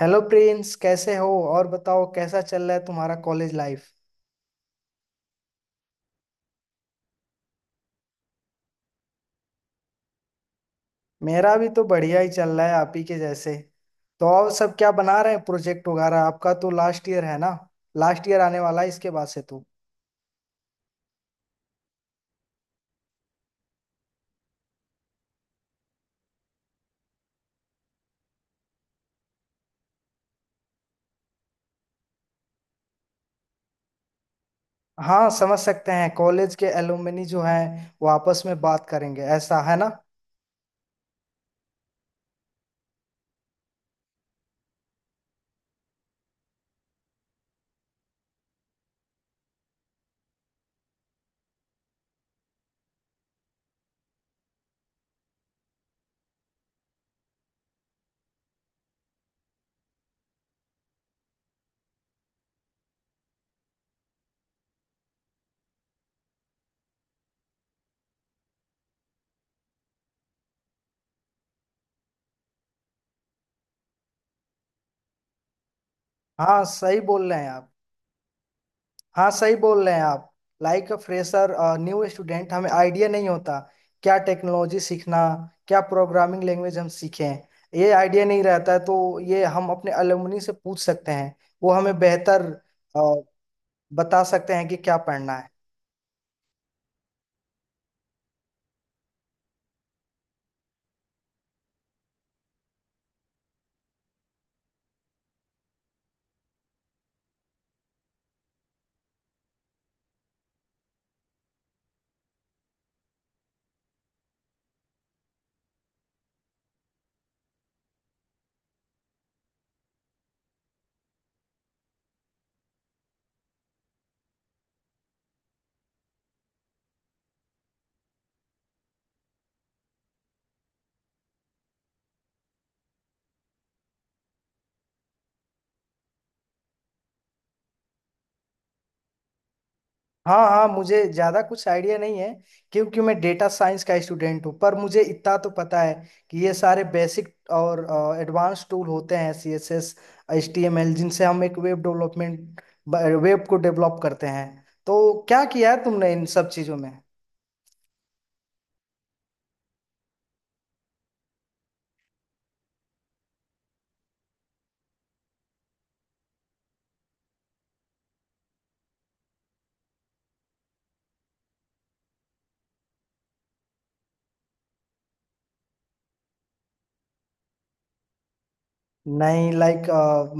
Hello Prince, कैसे हो। और बताओ, कैसा चल रहा है तुम्हारा कॉलेज लाइफ। मेरा भी तो बढ़िया ही चल रहा है आप ही के जैसे। तो और सब क्या बना रहे हैं प्रोजेक्ट वगैरह, आपका तो लास्ट ईयर है ना। लास्ट ईयर आने वाला है इसके बाद से तो। हाँ, समझ सकते हैं, कॉलेज के एलुमनी जो हैं वो आपस में बात करेंगे, ऐसा है ना। हाँ, सही बोल रहे हैं आप। हाँ, सही बोल रहे हैं आप। Like a fresher, new student, हमें आइडिया नहीं होता, क्या टेक्नोलॉजी सीखना, क्या प्रोग्रामिंग लैंग्वेज हम सीखें। ये आइडिया नहीं रहता है तो ये हम अपने अलुमनी से पूछ सकते हैं। वो हमें बेहतर अ, बता सकते हैं कि क्या पढ़ना है। हाँ हाँ, मुझे ज़्यादा कुछ आइडिया नहीं है, क्योंकि मैं डेटा साइंस का स्टूडेंट हूँ, पर मुझे इतना तो पता है कि ये सारे बेसिक और एडवांस टूल होते हैं C S S, H T M L, जिनसे हम एक वेब डेवलपमेंट, वेब को डेवलप करते हैं। तो क्या किया है तुमने इन सब चीज़ों में। नहीं, लाइक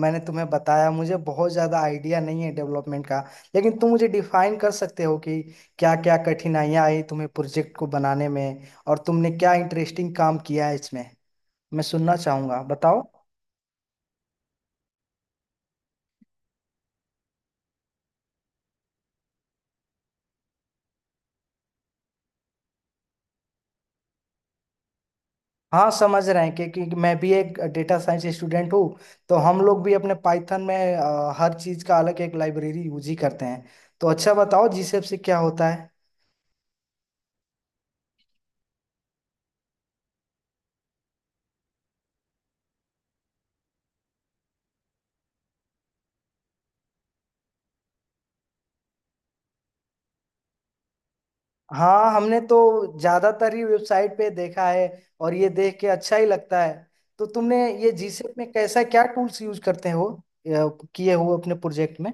मैंने तुम्हें बताया, मुझे बहुत ज़्यादा आइडिया नहीं है डेवलपमेंट का, लेकिन तुम मुझे डिफाइन कर सकते हो कि क्या क्या कठिनाइयाँ आई तुम्हें प्रोजेक्ट को बनाने में, और तुमने क्या इंटरेस्टिंग काम किया है इसमें। मैं सुनना चाहूंगा, बताओ। हाँ, समझ रहे हैं कि मैं भी एक डेटा साइंस स्टूडेंट हूँ, तो हम लोग भी अपने पाइथन में हर चीज का अलग एक लाइब्रेरी यूज ही करते हैं। तो अच्छा, बताओ जीसेप से क्या होता है। हाँ, हमने तो ज्यादातर ही वेबसाइट पे देखा है और ये देख के अच्छा ही लगता है। तो तुमने ये जीसेप में कैसा क्या टूल्स यूज करते हो, किए हो अपने प्रोजेक्ट में।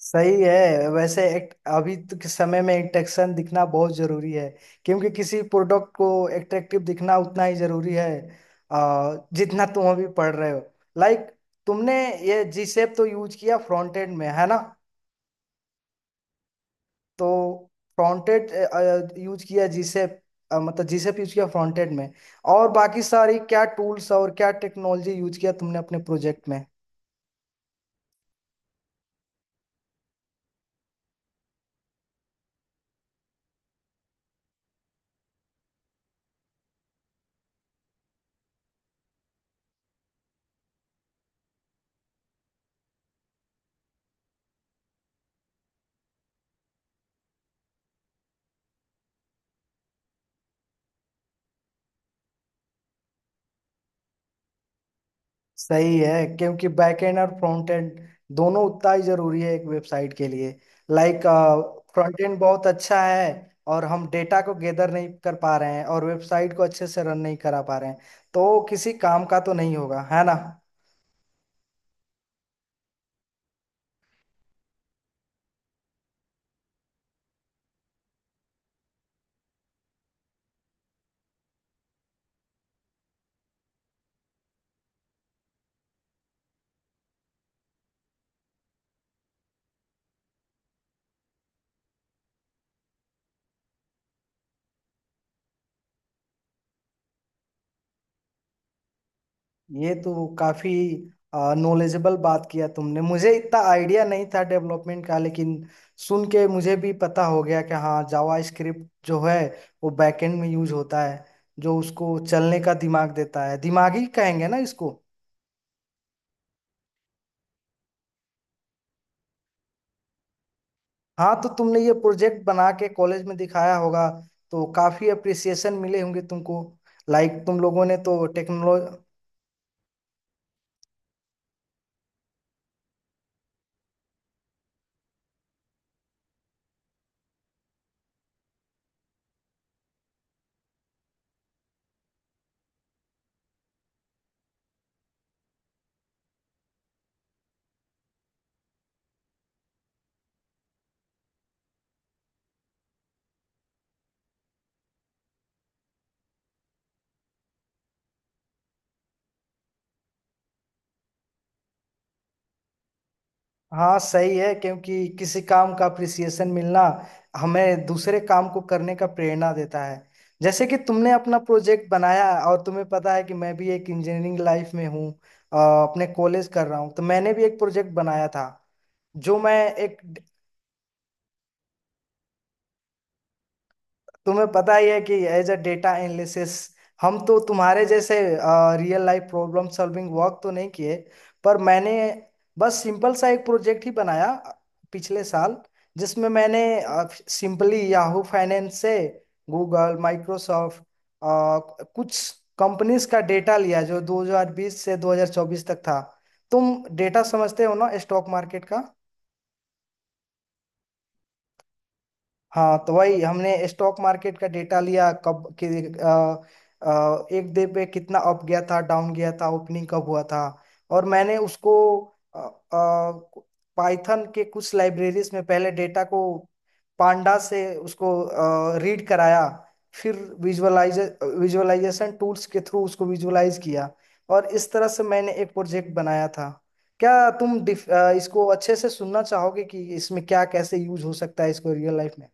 सही है, वैसे एक अभी तो के समय में इंटेक्शन दिखना बहुत जरूरी है, क्योंकि किसी प्रोडक्ट को एट्रैक्टिव दिखना उतना ही जरूरी है, जितना तुम अभी पढ़ रहे हो। लाइक, तुमने ये जी शेप तो यूज किया फ्रंट एंड में, है ना। तो फ्रंट एंड यूज किया जी शेप, मतलब जी शेप यूज किया फ्रंट एंड में। और बाकी सारी क्या टूल्स और क्या टेक्नोलॉजी यूज किया तुमने अपने प्रोजेक्ट में। सही है, क्योंकि बैकएंड और फ्रंट एंड दोनों उतना ही जरूरी है एक वेबसाइट के लिए। लाइक, फ्रंट एंड बहुत अच्छा है और हम डेटा को गैदर नहीं कर पा रहे हैं और वेबसाइट को अच्छे से रन नहीं करा पा रहे हैं, तो किसी काम का तो नहीं होगा, है ना। ये तो काफी नॉलेजेबल बात किया तुमने, मुझे इतना आइडिया नहीं था डेवलपमेंट का, लेकिन सुन के मुझे भी पता हो गया कि हाँ जावा स्क्रिप्ट जो है, वो बैकएंड में यूज होता है, जो उसको चलने का दिमाग देता है, दिमागी कहेंगे ना इसको। हाँ, तो तुमने ये प्रोजेक्ट बना के कॉलेज में दिखाया होगा, तो काफी अप्रिसिएशन मिले होंगे तुमको। लाइक, तुम लोगों ने तो टेक्नोलॉजी। हाँ सही है, क्योंकि किसी काम का अप्रिसिएशन मिलना हमें दूसरे काम को करने का प्रेरणा देता है। जैसे कि तुमने अपना प्रोजेक्ट बनाया, और तुम्हें पता है कि मैं भी एक इंजीनियरिंग लाइफ में हूँ, अपने कॉलेज कर रहा हूँ, तो मैंने भी एक प्रोजेक्ट बनाया था, जो मैं एक तुम्हें पता ही है कि एज अ डेटा एनालिसिस, हम तो तुम्हारे जैसे real life problem solving work तो नहीं किए, पर मैंने बस सिंपल सा एक प्रोजेक्ट ही बनाया पिछले साल, जिसमें मैंने सिंपली याहू फाइनेंस से गूगल माइक्रोसॉफ्ट कुछ कंपनीज का डेटा लिया जो 2020 से 2024 तक था। तुम डेटा समझते हो ना स्टॉक मार्केट का। हाँ, तो वही हमने स्टॉक मार्केट का डेटा लिया कब कि, एक डे पे कितना अप गया था, डाउन गया था, ओपनिंग कब हुआ था। और मैंने उसको पाइथन के कुछ लाइब्रेरीज में पहले डेटा को पांडा से उसको रीड कराया, फिर विजुअलाइजेशन टूल्स के थ्रू उसको विजुअलाइज किया, और इस तरह से मैंने एक प्रोजेक्ट बनाया था। क्या तुम इसको अच्छे से सुनना चाहोगे कि इसमें क्या कैसे यूज हो सकता है इसको रियल लाइफ में।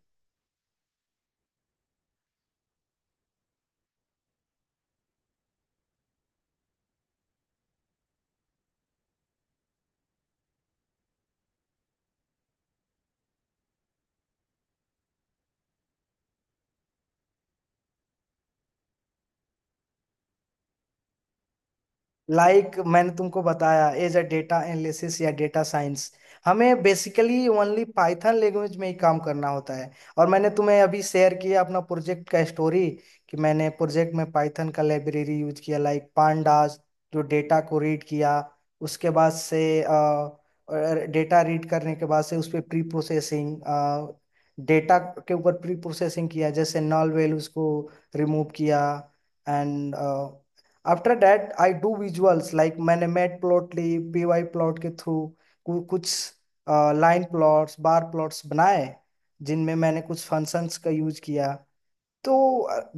लाइक मैंने तुमको बताया, एज अ डेटा एनालिसिस या डेटा साइंस, हमें बेसिकली ओनली पाइथन लैंग्वेज में ही काम करना होता है। और मैंने तुम्हें अभी शेयर किया अपना प्रोजेक्ट का स्टोरी, कि मैंने प्रोजेक्ट में पाइथन का लाइब्रेरी यूज किया लाइक पांडास, जो डेटा को रीड किया। उसके बाद से डेटा रीड करने के बाद से उस पर प्री प्रोसेसिंग, डेटा के ऊपर प्री प्रोसेसिंग किया, जैसे नल वेल उसको रिमूव किया। And after that I do visuals, like मैंने matplotlib P Y plot के थ्रू कुछ लाइन प्लॉट्स, बार प्लॉट्स बनाए, जिनमें मैंने कुछ फंक्शंस का यूज किया। तो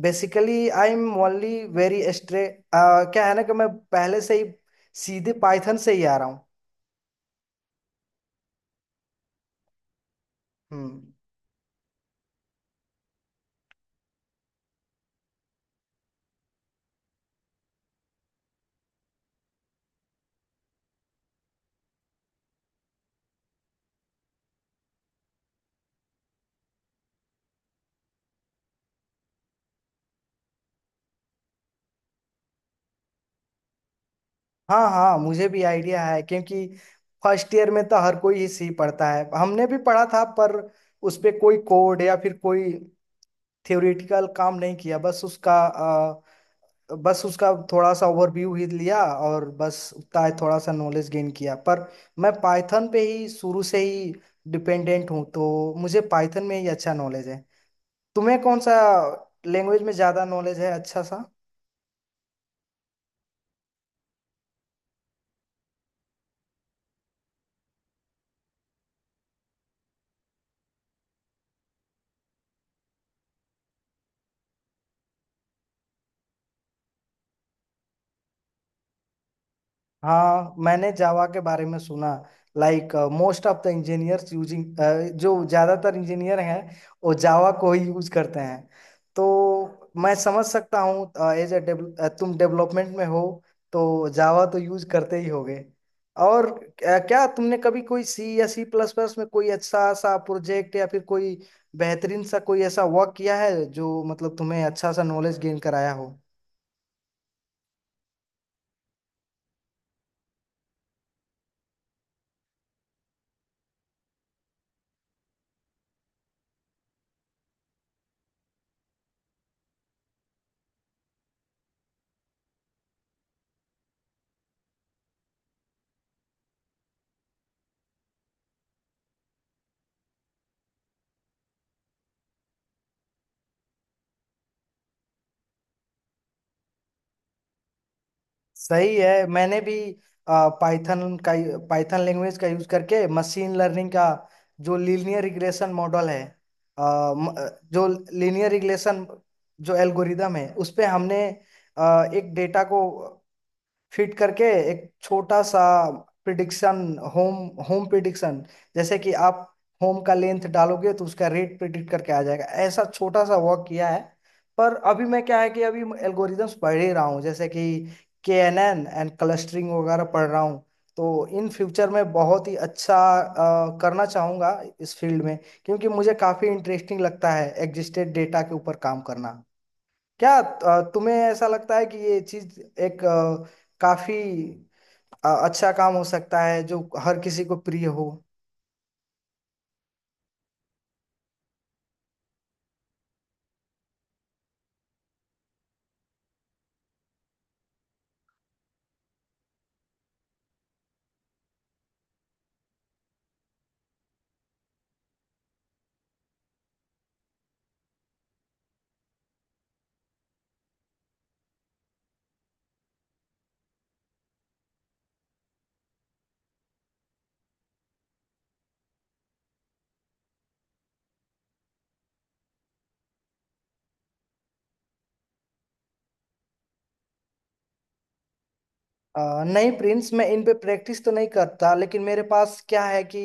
basically I am only very stray, क्या है ना कि मैं पहले से ही सीधे पाइथन से ही आ रहा हूँ। हम्म। हाँ हाँ, मुझे भी आइडिया है, क्योंकि फर्स्ट ईयर में तो हर कोई ही सी पढ़ता है, हमने भी पढ़ा था, पर उस पे कोई कोड या फिर कोई थ्योरेटिकल काम नहीं किया, बस उसका थोड़ा सा ओवरव्यू ही लिया और बस उतना ही थोड़ा सा नॉलेज गेन किया, पर मैं पाइथन पे ही शुरू से ही डिपेंडेंट हूँ, तो मुझे पाइथन में ही अच्छा नॉलेज है। तुम्हें कौन सा लैंग्वेज में ज़्यादा नॉलेज है अच्छा सा। हाँ, मैंने जावा के बारे में सुना, like most of the engineers using, जो ज़्यादातर इंजीनियर हैं वो जावा को ही यूज करते हैं। तो मैं समझ सकता हूँ एज ए, तुम डेवलपमेंट में हो, तो जावा तो यूज करते ही होगे। और क्या तुमने कभी कोई सी या सी प्लस प्लस में कोई अच्छा सा प्रोजेक्ट या फिर कोई बेहतरीन सा कोई ऐसा वर्क किया है, जो मतलब तुम्हें अच्छा सा नॉलेज गेन कराया हो। सही है, मैंने भी पाइथन का पाइथन लैंग्वेज का यूज करके मशीन लर्निंग का जो लीनियर रिग्रेशन मॉडल है, अ, जो लीनियर रिग्रेशन, जो एल्गोरिदम है उस पे हमने एक डेटा को फिट करके एक छोटा सा प्रिडिक्शन, होम होम प्रिडिक्शन, जैसे कि आप होम का लेंथ डालोगे तो उसका रेट प्रिडिक्ट करके आ जाएगा, ऐसा छोटा सा वर्क किया है। पर अभी मैं क्या है कि अभी एल्गोरिदम्स पढ़ ही रहा हूँ, जैसे कि K N N and clustering वगैरह पढ़ रहा हूँ। तो इन फ्यूचर में बहुत ही अच्छा करना चाहूँगा इस फील्ड में, क्योंकि मुझे काफ़ी इंटरेस्टिंग लगता है एग्जिस्टेड डेटा के ऊपर काम करना। क्या तुम्हें ऐसा लगता है कि ये चीज एक काफी अच्छा काम हो सकता है, जो हर किसी को प्रिय हो। नहीं प्रिंस, मैं इन पे प्रैक्टिस तो नहीं करता, लेकिन मेरे पास क्या है कि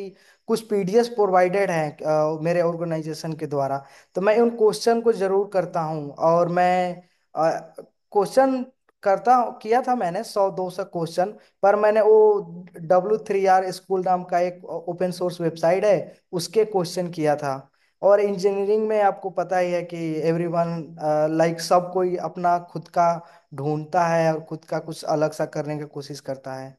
कुछ पीडीएफ प्रोवाइडेड हैं मेरे ऑर्गेनाइजेशन के द्वारा, तो मैं उन क्वेश्चन को जरूर करता हूँ और मैं क्वेश्चन किया था मैंने 100-200 क्वेश्चन। पर मैंने वो डब्ल्यू थ्री आर स्कूल नाम का एक ओपन सोर्स वेबसाइट है, उसके क्वेश्चन किया था। और इंजीनियरिंग में आपको पता ही है कि एवरीवन, लाइक, सब कोई अपना खुद का ढूंढता है और खुद का कुछ अलग सा करने की कोशिश करता है।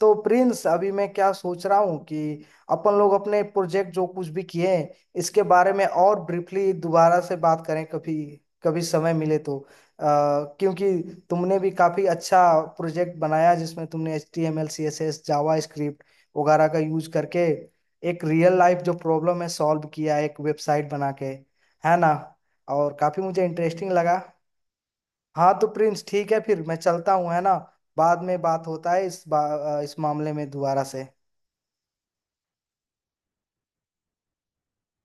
तो प्रिंस, अभी मैं क्या सोच रहा हूँ कि अपन लोग अपने प्रोजेक्ट जो कुछ भी किए हैं इसके बारे में और ब्रीफली दोबारा से बात करें, कभी कभी समय मिले तो, क्योंकि तुमने भी काफी अच्छा प्रोजेक्ट बनाया जिसमें तुमने H T M L, C S S, JavaScript वगैरह का यूज करके एक रियल लाइफ जो प्रॉब्लम है सॉल्व किया एक वेबसाइट बना के, है ना, और काफी मुझे इंटरेस्टिंग लगा। हाँ तो प्रिंस, ठीक है, फिर मैं चलता हूँ, है ना। बाद में बात होता है इस मामले में दोबारा से।